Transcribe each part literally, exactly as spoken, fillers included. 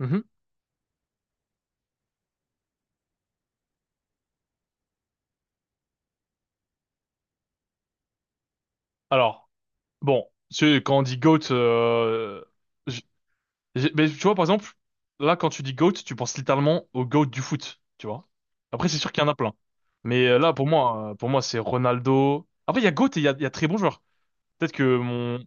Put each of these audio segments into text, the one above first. Mhm. Alors, bon, tu, quand on dit GOAT, euh, j- j'ai- mais tu vois, par exemple, là, quand tu dis GOAT, tu penses littéralement au GOAT du foot, tu vois. Après, c'est sûr qu'il y en a plein. Mais euh, là, pour moi, euh, pour moi, c'est Ronaldo. Après, il y a GOAT et il y a, il y a très bons joueurs. Peut-être que mon...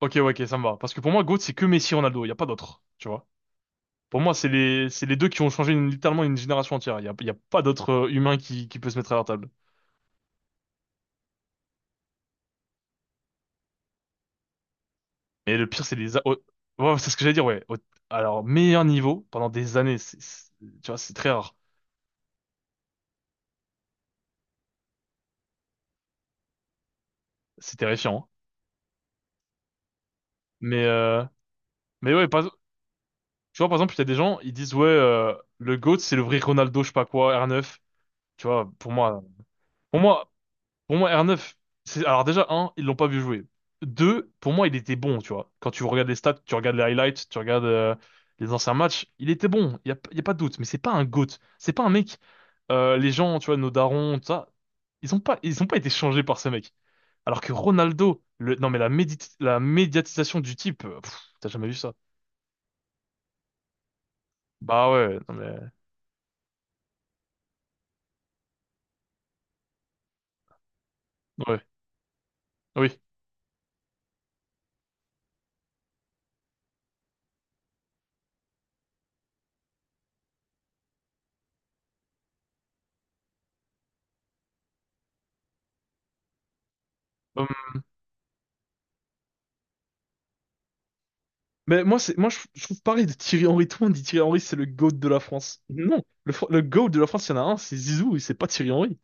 Ok, ouais, ok, ça me va. Parce que pour moi, GOAT, c'est que Messi Ronaldo, il n'y a pas d'autres, tu vois. Pour moi, c'est les, c'est les deux qui ont changé une- littéralement une génération entière. Il n'y a, il y a pas d'autres euh, humain qui, qui peut se mettre à leur table. Mais le pire, c'est les... a- au- ouais, c'est ce que j'allais dire, ouais. Au- Alors, meilleur niveau pendant des années, c'est- c'est- tu vois, c'est très rare. C'est terrifiant, hein. Mais, euh... mais ouais, par... exemple- tu vois, par exemple, il y a des gens, ils disent, ouais, euh, le GOAT, c'est le vrai Ronaldo, je sais pas quoi, R neuf. Tu vois, pour moi, pour moi, pour moi, R neuf, c'est... Alors déjà, un, ils l'ont pas vu jouer. Deux, pour moi, il était bon, tu vois. Quand tu regardes les stats, tu regardes les highlights, tu regardes euh, les anciens matchs, il était bon, il y a, y a pas de doute. Mais c'est pas un GOAT, c'est pas un mec... euh, les gens, tu vois, nos darons, tout ça, ils ont pas, ils ont pas été changés par ce mec. Alors que Ronaldo, le... non mais la, médi- la médiatisation du type, euh, pff, t'as jamais vu ça. Bah ouais, non mais... Ouais, oui. Mais moi, c'est, moi, je, je trouve pareil de Thierry Henry. Tout le monde dit Thierry Henry, c'est le GOAT de la France. Non, le, Fr- le GOAT de la France, il y en a un, c'est Zizou, et c'est pas Thierry Henry.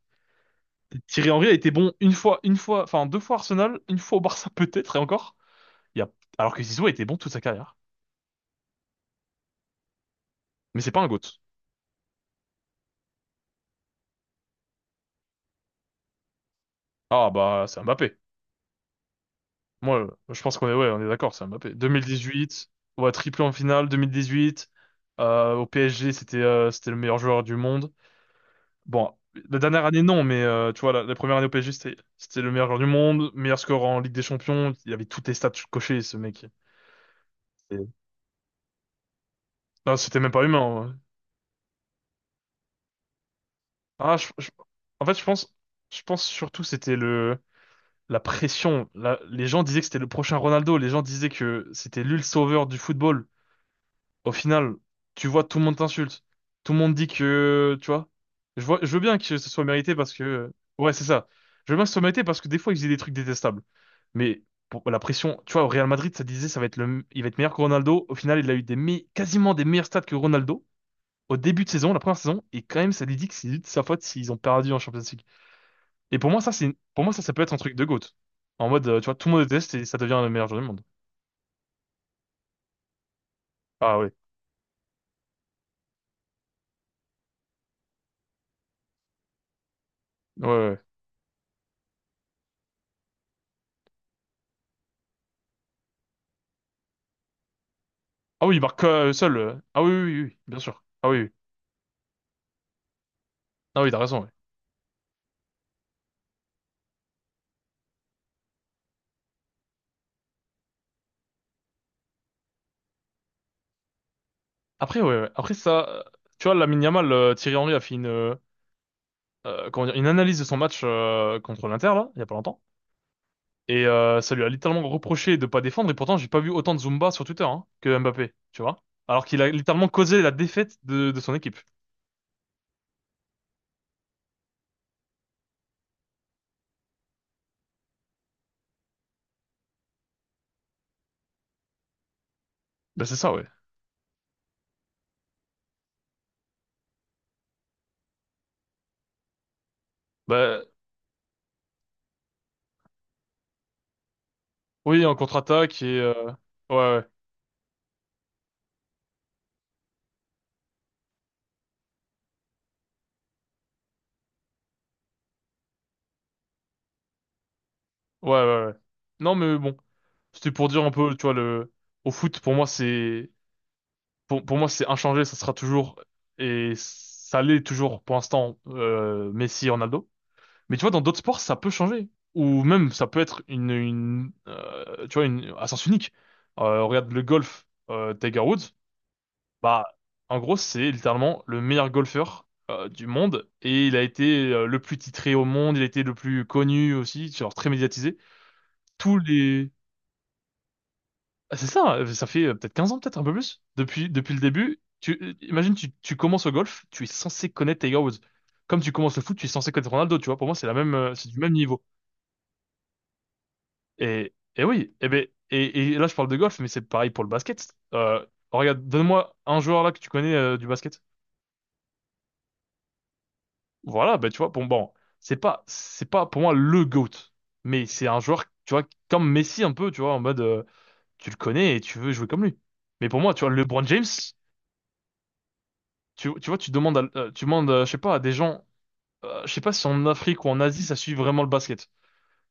Thierry Henry a été bon une fois, une fois, enfin deux fois Arsenal, une fois au Barça peut-être, et encore. Il y a, alors que Zizou a été bon toute sa carrière. Mais c'est pas un GOAT. Ah bah, c'est Mbappé. Moi, euh, je pense qu'on est, ouais, on est d'accord, c'est Mbappé. deux mille dix-huit, ouais, triplé en finale, deux mille dix-huit, euh, au P S G, c'était euh, c'était le meilleur joueur du monde. Bon, la dernière année, non, mais euh, tu vois, la, la première année au P S G, c'était c'était le meilleur joueur du monde, meilleur score en Ligue des Champions. Il avait toutes les stats cochées, ce mec. Et- Non, c'était même pas humain, en vrai. Ah, je- je- En fait, je pense, je pense surtout c'était le la pression. La- les gens disaient que c'était le prochain Ronaldo. Les gens disaient que c'était lui le sauveur du football. Au final, tu vois, tout le monde t'insulte. Tout le monde dit que, tu vois, je vois, je veux bien que ce soit mérité parce que, ouais, c'est ça. Je veux bien que ce soit mérité parce que des fois, ils faisaient des trucs détestables. Mais pour la pression, tu vois, au Real Madrid, ça disait, ça va être le, il va être meilleur que Ronaldo. Au final, il a eu des me- quasiment des meilleurs stats que Ronaldo au début de saison, la première saison, et quand même, ça lui dit que c'est de sa faute s'ils ont perdu en Champions League. Et pour moi, ça, c'est, pour moi, ça, ça peut être un truc de GOAT. En mode, euh, tu vois, tout le monde déteste et ça devient le meilleur joueur du monde. Ah ouais. Ouais, ouais. Ah oui, il marque euh, seul. euh. Ah oui, oui, oui, oui, bien sûr. Ah oui, oui. Ah oui, t'as raison, ouais. Après, ouais, ouais. Après ça, euh, tu vois, Lamine Yamal, euh, Thierry Henry a fait une, euh, euh, comment dire, une analyse de son match euh, contre l'Inter là, il y a pas longtemps, et euh, ça lui a littéralement reproché de pas défendre. Et pourtant, j'ai pas vu autant de Zumba sur Twitter, hein, que Mbappé, tu vois. Alors qu'il a littéralement causé la défaite de, de son équipe. Bah c'est ça, ouais. Bah oui, en contre-attaque et euh, ouais, ouais, ouais, ouais, ouais. Non, mais bon, c'était pour dire un peu, tu vois, le au foot pour moi c'est Pour, pour moi, c'est inchangé, ça sera toujours, et ça l'est toujours pour l'instant, euh, Messi et Ronaldo. Mais tu vois, dans d'autres sports, ça peut changer. Ou même, ça peut être une, une euh, tu vois, une, à sens unique. Euh, regarde le golf, euh, Tiger Woods, bah, en gros, c'est littéralement le meilleur golfeur euh, du monde, et il a été euh, le plus titré au monde, il a été le plus connu aussi, genre très médiatisé. Tous les, Ah, c'est ça, euh, ça fait euh, peut-être quinze ans, peut-être un peu plus. Depuis, depuis le début, tu, euh, imagine, tu, tu commences au golf, tu es censé connaître Tiger Woods. Comme tu commences le foot, tu es censé connaître Ronaldo, tu vois. Pour moi, c'est la même, euh, c'est du même niveau. Et, et oui, et, ben, et, et là, je parle de golf, mais c'est pareil pour le basket. Euh, regarde, donne-moi un joueur là que tu connais euh, du basket. Voilà, ben, tu vois, bon, bon, c'est pas, c'est pas pour moi le GOAT, mais c'est un joueur, tu vois, comme Messi un peu, tu vois, en mode, euh, tu le connais et tu veux jouer comme lui. Mais pour moi, tu vois, LeBron James. Tu, tu vois, tu demandes, à- euh, tu demandes, euh, je sais pas, à des gens, euh, je sais pas si en Afrique ou en Asie, ça suit vraiment le basket.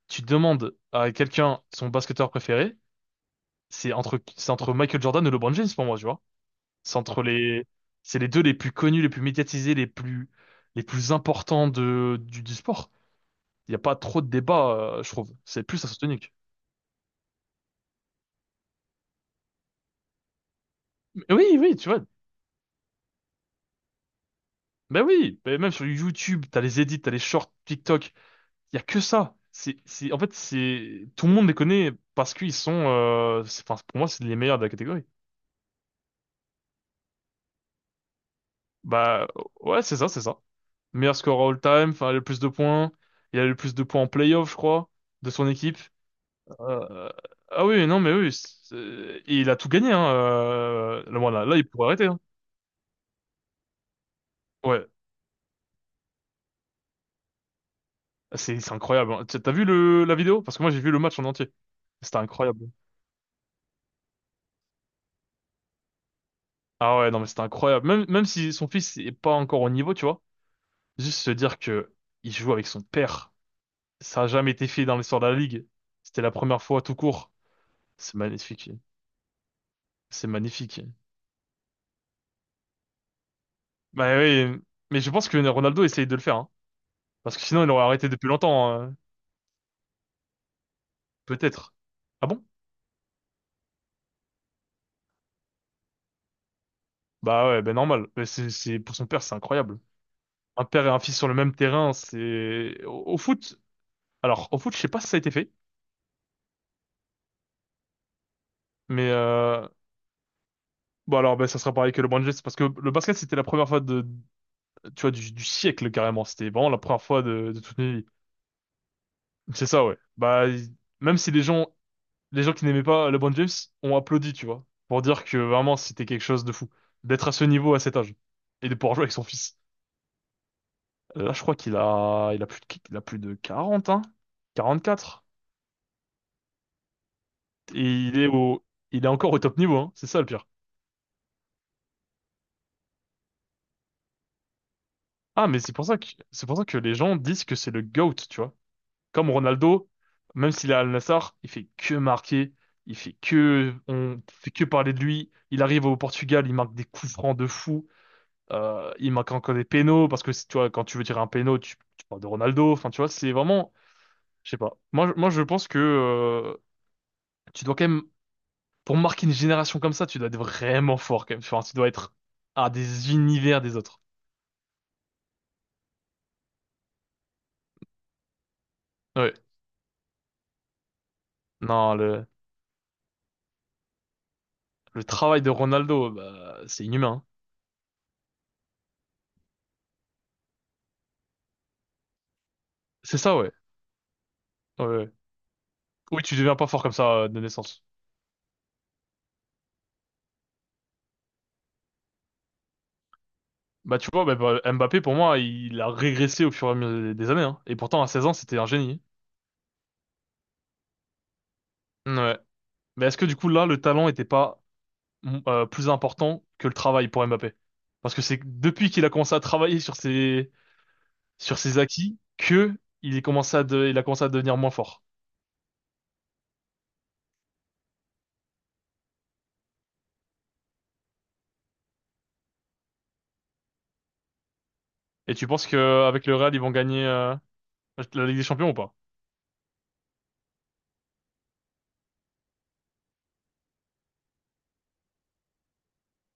Tu demandes à quelqu'un son basketteur préféré, c'est entre, c'est entre Michael Jordan et LeBron James pour moi, tu vois. C'est entre les, c'est les deux les plus connus, les plus médiatisés, les plus, les plus importants de, du, du sport. Il n'y a pas trop de débat, euh, je trouve. C'est plus asymptotique. Mais oui, oui, tu vois. Ben oui, ben même sur YouTube, t'as les edits, t'as les shorts TikTok. Il y a que ça. C'est, c'est, en fait, c'est, tout le monde les connaît parce qu'ils sont, euh, c'est- enfin, pour moi, c'est les meilleurs de la catégorie. Bah, ouais, c'est ça, c'est ça. Meilleur score all-time, enfin, le plus de points. Il a le plus de points en playoff, je crois, de son équipe. Euh, ah oui, non, mais oui. c'est- Et il a tout gagné, hein. Euh, là, voilà, là, il pourrait arrêter, hein. Ouais, c'est c'est incroyable, hein. T'as t'as vu le, la vidéo? Parce que moi, j'ai vu le match en entier. C'était incroyable. Ah ouais, non, mais c'était incroyable. Même, même si son fils est pas encore au niveau, tu vois. Juste se dire que il joue avec son père, ça a jamais été fait dans l'histoire de la Ligue. C'était la première fois tout court. C'est magnifique. C'est magnifique. Bah oui, mais je pense que Ronaldo essaye de le faire, hein. Parce que sinon il aurait arrêté depuis longtemps, euh, peut-être. Ah bon? Bah ouais, ben normal. Mais C'est, c'est, pour son père, c'est incroyable. Un père et un fils sur le même terrain, c'est... Au, au foot, alors au foot, je sais pas si ça a été fait, mais... euh, bon alors, ben, ça sera pareil que le basket, parce que le basket, c'était la première fois de, tu vois, du, du siècle carrément. C'était vraiment la première fois de, de toute une vie. C'est ça, ouais. Bah, il- même si les gens, les gens qui n'aimaient pas LeBron James ont applaudi, tu vois, pour dire que vraiment c'était quelque chose de fou d'être à ce niveau à cet âge et de pouvoir jouer avec son fils. Euh, Là, je crois qu'il a, il a plus de, il a plus de quarante, hein, quatre. Et il est au, il est encore au top niveau, hein. C'est ça le pire. Ah, mais c'est pour ça que, c'est pour ça que les gens disent que c'est le GOAT, tu vois. Comme Ronaldo, même s'il est à Al Nassr, il fait que marquer, il fait que, on fait que parler de lui. Il arrive au Portugal, il marque des coups francs de fou. Euh, il marque encore des pénaux parce que si, tu vois, quand tu veux tirer un pénau, tu, tu parles de Ronaldo. Enfin, tu vois, c'est vraiment, je sais pas. Moi, je- moi, je pense que euh, tu dois quand même, pour marquer une génération comme ça, tu dois être vraiment fort quand même. Enfin, tu dois être à des univers des autres. Ouais. Non, le, le travail de Ronaldo, bah, c'est inhumain, hein. C'est ça, ouais. Ouais, ouais. Oui, tu deviens pas fort comme ça euh, de naissance. Bah, tu vois, bah, bah, Mbappé, pour moi, il a régressé au fur et à mesure des années, hein. Et pourtant, à seize ans, c'était un génie, hein. Ouais. Mais est-ce que du coup, là, le talent était pas Mhm. euh, plus important que le travail pour Mbappé. Parce que c'est depuis qu'il a commencé à travailler sur ses, sur ses acquis que il est commencé à de- il a commencé à devenir moins fort. Et tu penses que euh, avec le Real, ils vont gagner euh, la Ligue des Champions ou pas?